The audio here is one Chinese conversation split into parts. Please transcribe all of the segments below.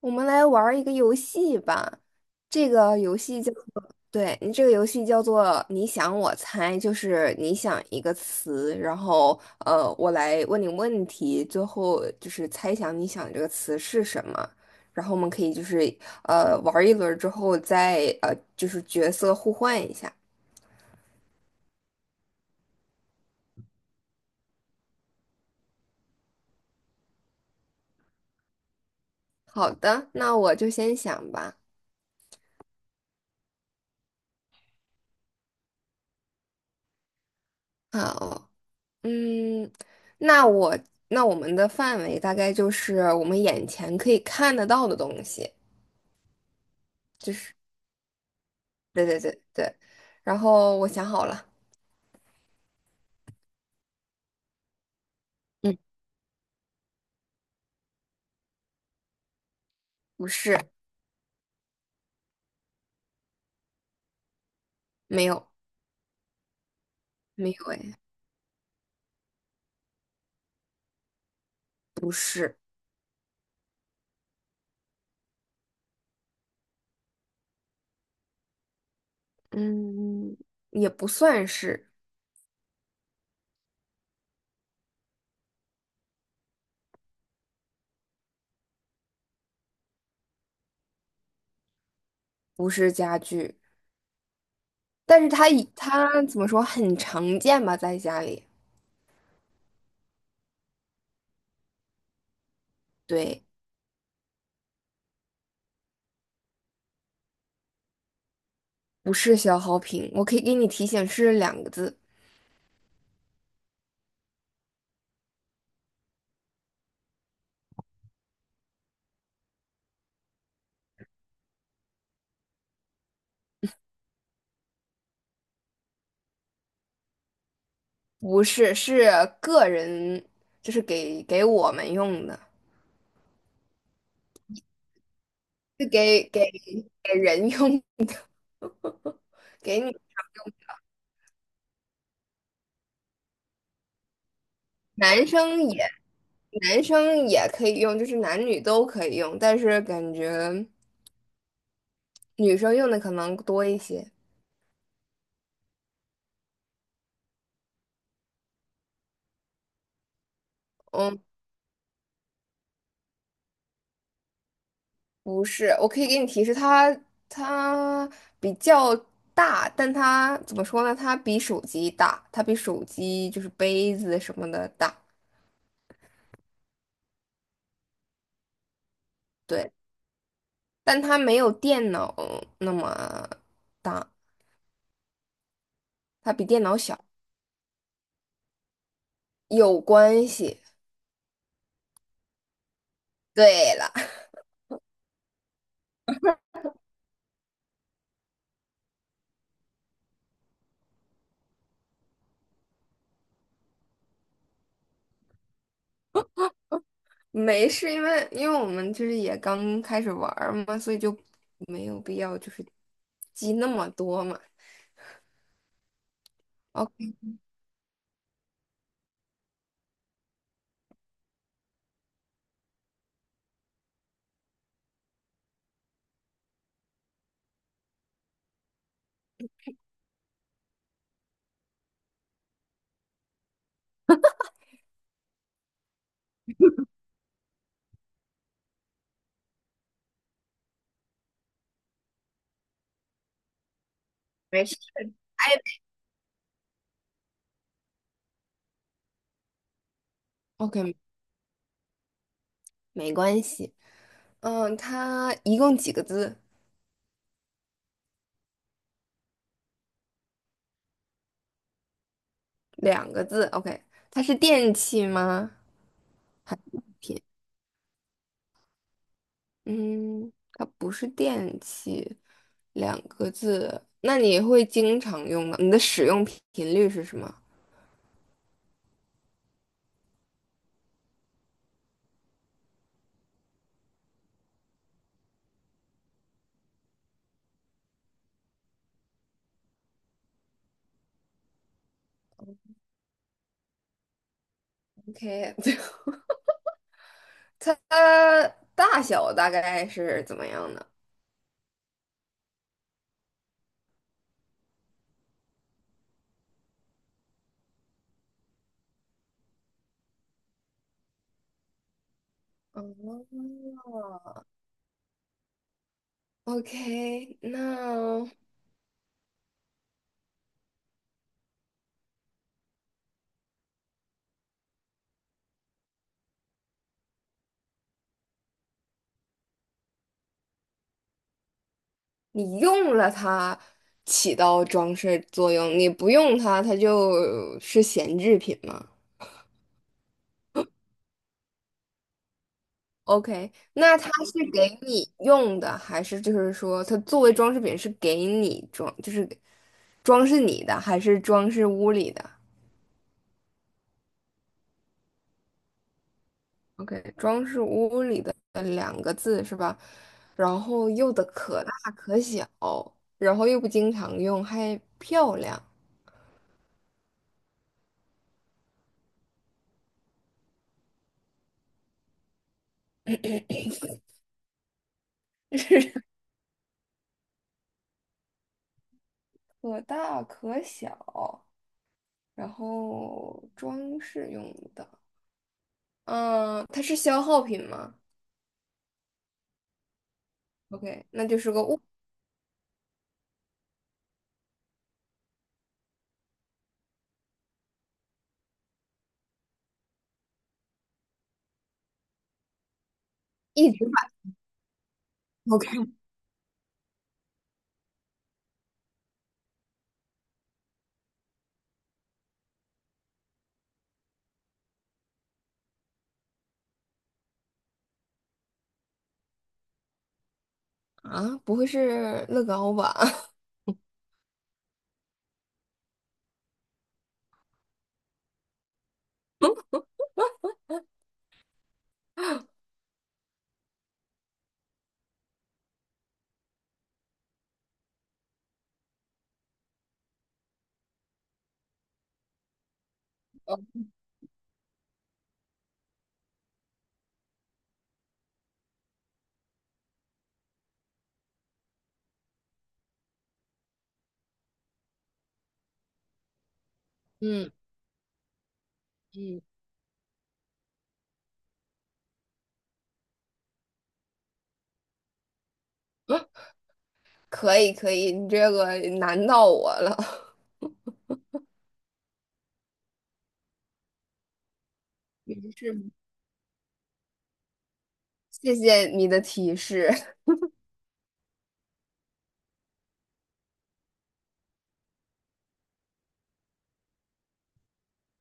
我们来玩儿一个游戏吧，这个游戏叫做，对，你这个游戏叫做你想我猜，就是你想一个词，然后我来问你问题，最后就是猜想你想这个词是什么，然后我们可以就是玩儿一轮儿之后再就是角色互换一下。好的，那我就先想吧。好，嗯，那我那我们的范围大概就是我们眼前可以看得到的东西，就是对对对对。然后我想好了，嗯，不是，没有，没有，哎，不是，嗯，也不算是，不是家具，但是它以它怎么说很常见吧，在家里，对，不是消耗品，我可以给你提醒是两个字，不是，是个人，就是给我们用的。是给给人用，给你男生也男生也可以用，就是男女都可以用，但是感觉女生用的可能多一些。嗯，不是，我可以给你提示，它比较大，但它怎么说呢？它比手机大，它比手机就是杯子什么的大，对，但它没有电脑那么大，它比电脑小，有关系。对了。没事，因为我们就是也刚开始玩儿嘛，所以就没有必要就是记那么多嘛。OK，没事，OK，没关系。嗯，它一共几个字？两个字。OK，它是电器吗？还是物品？嗯，它不是电器，两个字。那你会经常用吗？你的使用频率是什么？OK，它大小大概是怎么样呢？哦，OK，那你用了它起到装饰作用，你不用它，它就是闲置品吗？OK，那它是给你用的，还是就是说它作为装饰品是给你装，就是装饰你的，还是装饰屋里的？OK，装饰屋里的两个字是吧？然后又的可大可小，然后又不经常用，还漂亮。可大可小，然后装饰用的。嗯，它是消耗品吗？OK，那就是个物，一直买。OK 啊，不会是乐高吧？嗯，可以可以，你这个难到我了。也是，谢谢你的提示。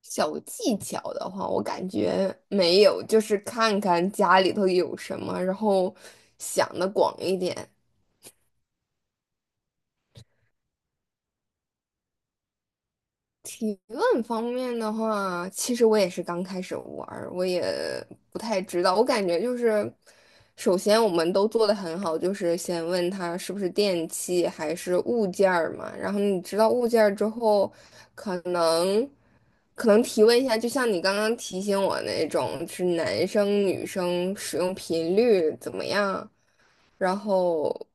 小技巧的话，我感觉没有，就是看看家里头有什么，然后想的广一点。提问方面的话，其实我也是刚开始玩儿我也不太知道。我感觉就是，首先我们都做的很好，就是先问他是不是电器还是物件儿嘛。然后你知道物件儿之后，可能可能提问一下，就像你刚刚提醒我那种，是男生女生使用频率怎么样？然后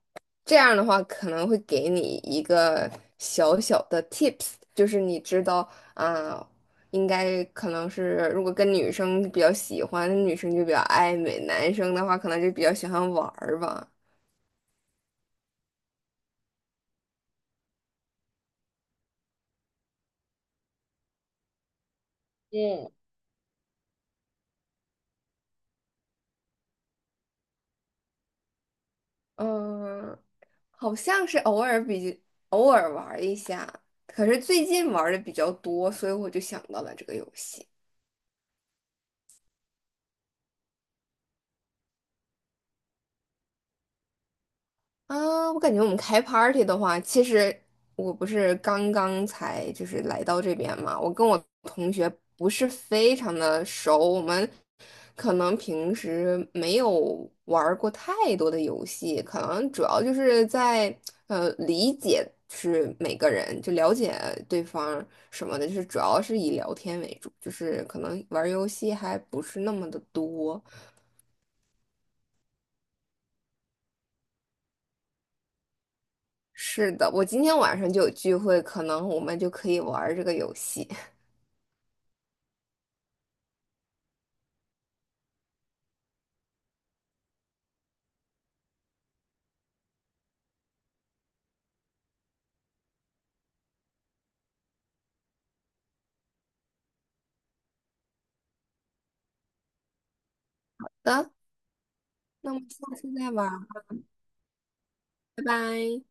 这样的话可能会给你一个小小的 tips，就是你知道啊，应该可能是如果跟女生比较喜欢，女生就比较爱美，男生的话可能就比较喜欢玩儿吧。嗯，嗯，好像是偶尔玩儿一下，可是最近玩的比较多，所以我就想到了这个游戏。啊，我感觉我们开 party 的话，其实我不是刚刚才就是来到这边嘛，我跟我同学不是非常的熟，我们可能平时没有玩儿过太多的游戏，可能主要就是在理解是每个人，就了解对方什么的，就是主要是以聊天为主，就是可能玩儿游戏还不是那么的多。是的，我今天晚上就有聚会，可能我们就可以玩儿这个游戏。好的，那我们下次再玩儿，拜拜。